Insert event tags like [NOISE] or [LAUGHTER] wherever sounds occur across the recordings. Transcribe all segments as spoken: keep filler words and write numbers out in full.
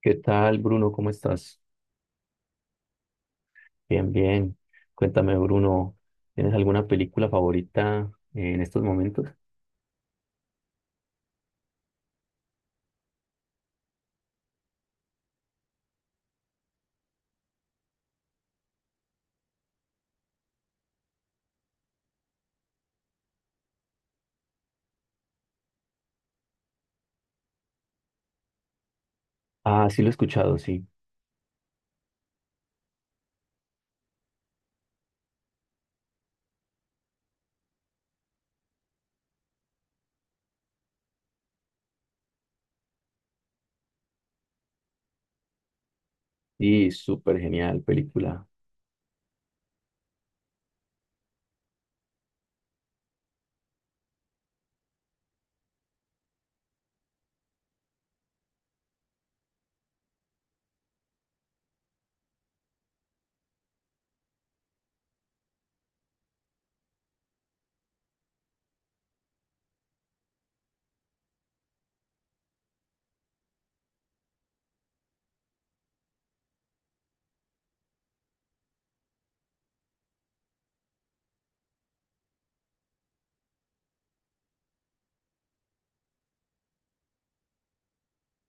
¿Qué tal, Bruno? ¿Cómo estás? Bien, bien. Cuéntame, Bruno, ¿tienes alguna película favorita en estos momentos? Ah, sí, lo he escuchado, sí. Sí, súper genial película.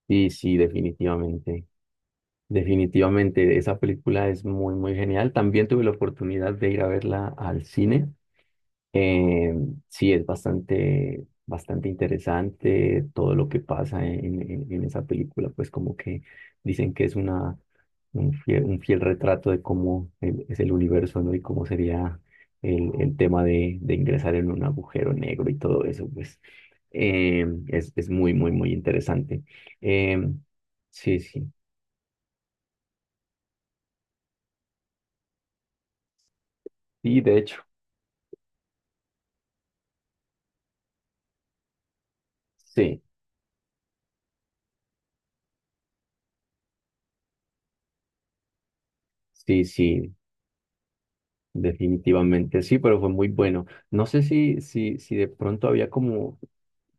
Sí, sí, definitivamente. Definitivamente, esa película es muy, muy genial. También tuve la oportunidad de ir a verla al cine. Eh, sí, es bastante, bastante interesante todo lo que pasa en, en- en esa película, pues como que dicen que es una, un fiel, un fiel retrato de cómo el- es el universo, ¿no? Y cómo sería el, el tema de, de ingresar en un agujero negro y todo eso, pues eh, es, es muy, muy, muy interesante. Eh, sí, sí, y de hecho, sí, sí, sí. Definitivamente sí, pero fue muy bueno. No sé si, si, si de pronto había como,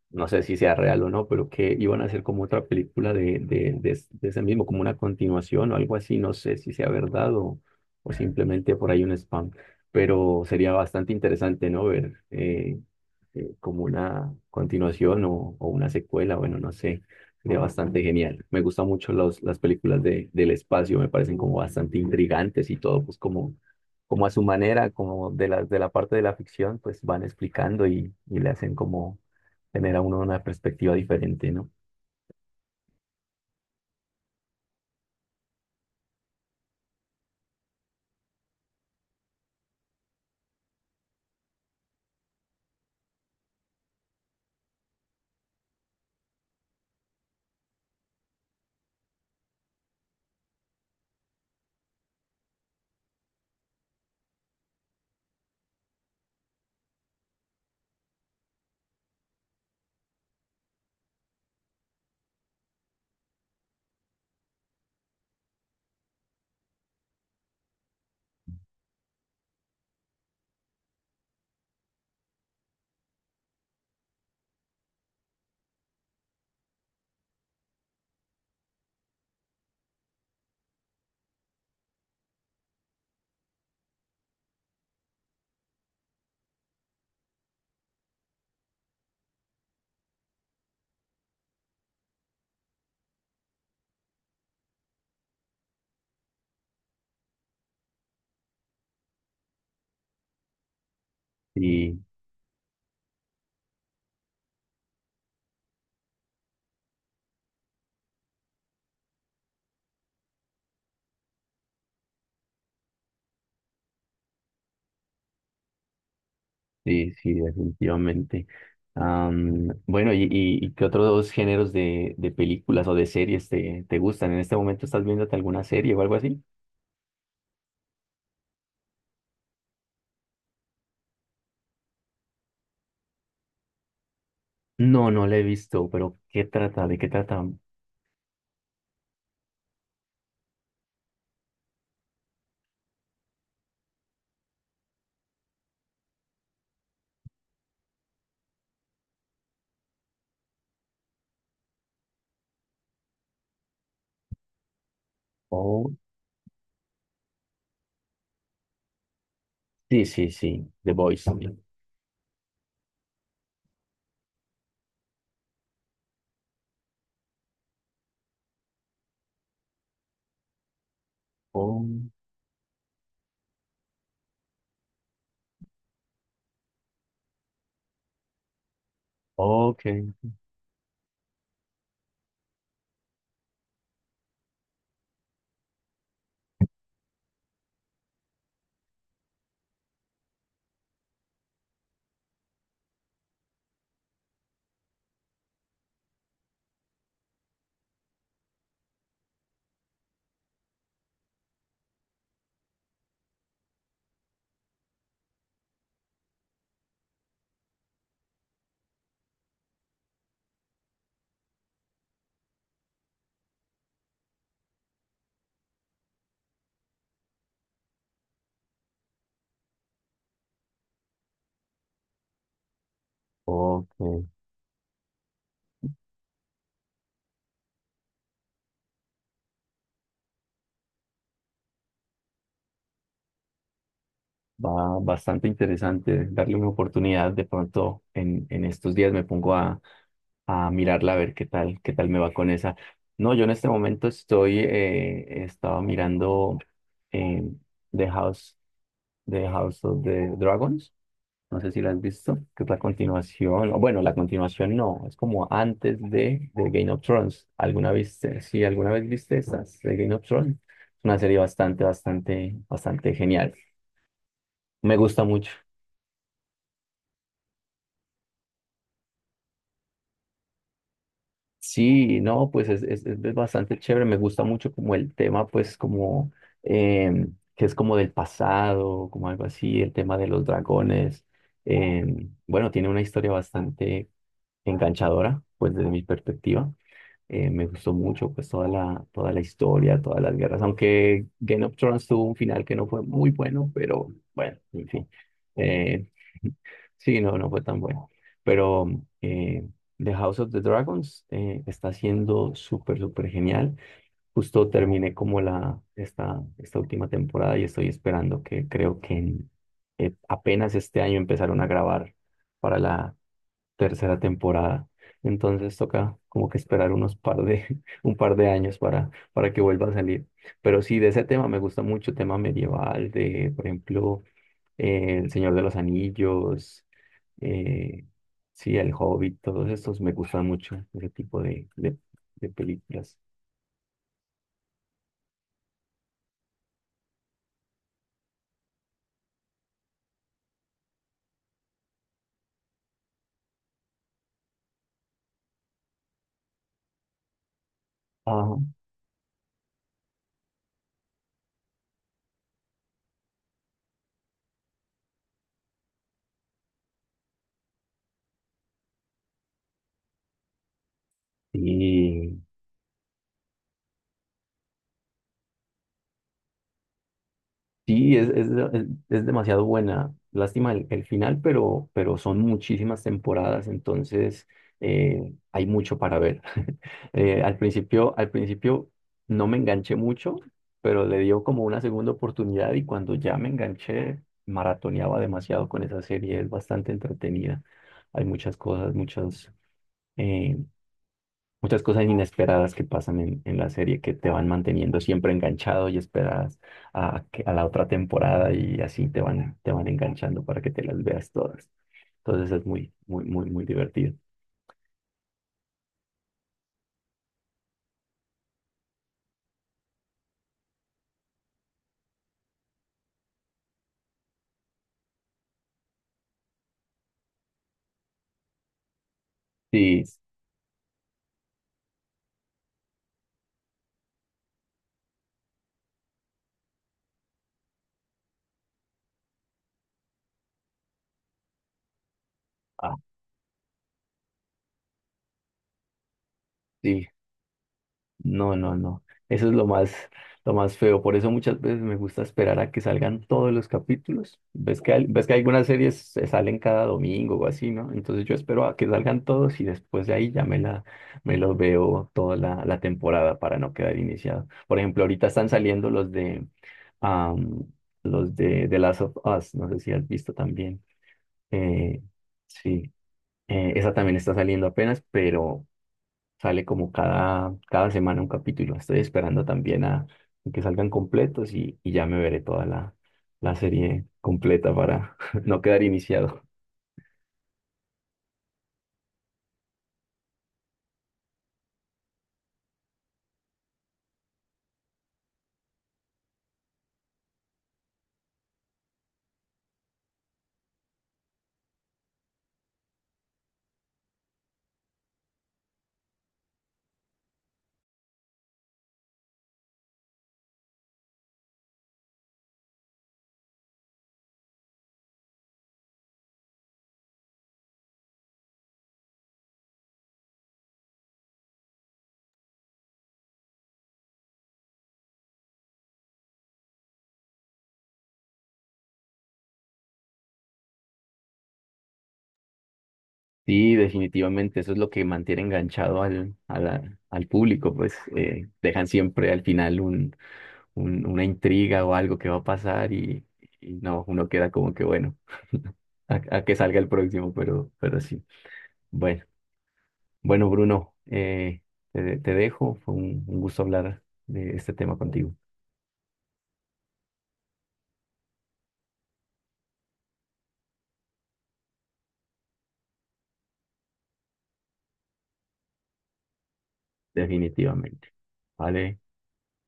no sé si sea real o no, pero que iban a hacer como otra película de, de, de, es- de ese mismo, como una continuación o algo así. No sé si sea verdad o, o simplemente por ahí un spam, pero sería bastante interesante, ¿no? Ver eh, eh, como una continuación o, o una secuela, bueno, no sé, sería bastante genial. Me gustan mucho los, las películas de, del espacio, me parecen como bastante intrigantes y todo, pues como, como a su manera, como de la, de la parte de la ficción, pues van explicando y, y le hacen como tener a uno una perspectiva diferente, ¿no? Sí, sí, sí, definitivamente. Am, bueno, y, y, y qué otros dos géneros de, de películas o de series te, te gustan? ¿En este momento estás viéndote alguna serie o algo así? No, no la he visto, pero ¿qué trata? ¿De qué trata? Oh, sí, sí, sí, The Voice. Oh, ok, ok. Va bastante interesante darle una oportunidad. De pronto en, en estos días me pongo a, a mirarla a ver qué tal, qué tal me va con esa. No, yo en este momento estoy, eh, estaba mirando eh, The House, The House of the Dragons. No sé si lo has visto, que es la continuación. O bueno, la continuación no, es como antes de, de Game of Thrones. ¿Alguna viste? Sí, alguna vez viste esas de Game of Thrones. Es una serie bastante, bastante, bastante genial. Me gusta mucho. Sí, no, pues es, es, es bastante chévere. Me gusta mucho como el tema, pues como em, que es como del pasado, como algo así, el tema de los dragones. Em, bueno, tiene una historia bastante enganchadora, pues desde mi perspectiva. Eh, me gustó mucho pues toda la, toda la historia, todas las guerras, aunque Game of Thrones tuvo un final que no fue muy bueno, pero bueno, en fin. Eh, [LAUGHS] sí, no, no fue tan bueno. Pero eh, The House of the Dragons eh, está siendo súper, súper genial. Justo terminé como la, esta, esta última temporada y estoy esperando que creo que en- eh, apenas este año empezaron a grabar para la tercera temporada. Entonces toca como que esperar unos par de, [LAUGHS] un par de años para, para que vuelva a salir. Pero sí, de ese tema me gusta mucho, tema medieval, de, por ejemplo, eh, El Señor de los Anillos, eh, sí, El Hobbit, todos estos me gustan mucho, ese tipo de, de, de películas. Ajá. Y sí, es, es, es- es demasiado buena. Lástima el, el final, pero, pero son muchísimas temporadas, entonces eh, hay mucho para ver. [LAUGHS] Eh, al principio, al principio no me enganché mucho, pero le dio como una segunda oportunidad y cuando ya me enganché, maratoneaba demasiado con esa serie. Es bastante entretenida. Hay muchas cosas, muchas, eh, muchas cosas inesperadas que pasan en, en la serie que te van manteniendo siempre enganchado y esperadas a, que- a la otra temporada y así te van, te van enganchando para que te las veas todas. Entonces es muy, muy, muy, muy divertido. Sí, ah, sí. No, no, no. Eso es lo más, lo más feo. Por eso muchas veces me gusta esperar a que salgan todos los capítulos. Ves que, hay- ves que algunas series se salen cada domingo o así, ¿no? Entonces yo espero a que salgan todos y después de ahí ya me la, me los veo toda la, la temporada para no quedar iniciado. Por ejemplo, ahorita están saliendo los de, am, los de The Last of Us. No sé si has visto también. Eh, sí, eh, esa también está saliendo apenas, pero sale como cada, cada semana un capítulo. Estoy esperando también a que salgan completos y, y ya me veré toda la, la serie completa para [LAUGHS] no quedar iniciado. Sí, definitivamente, eso es lo que mantiene enganchado al, a la- al público, pues eh, dejan siempre al final un, un- una intriga o algo que va a pasar y, y no, uno queda como que bueno, [LAUGHS] a, a que salga el próximo, pero, pero sí. Bueno. Bueno, Bruno, eh, te, te dejo. Fue un, un gusto hablar de este tema contigo, definitivamente. Vale.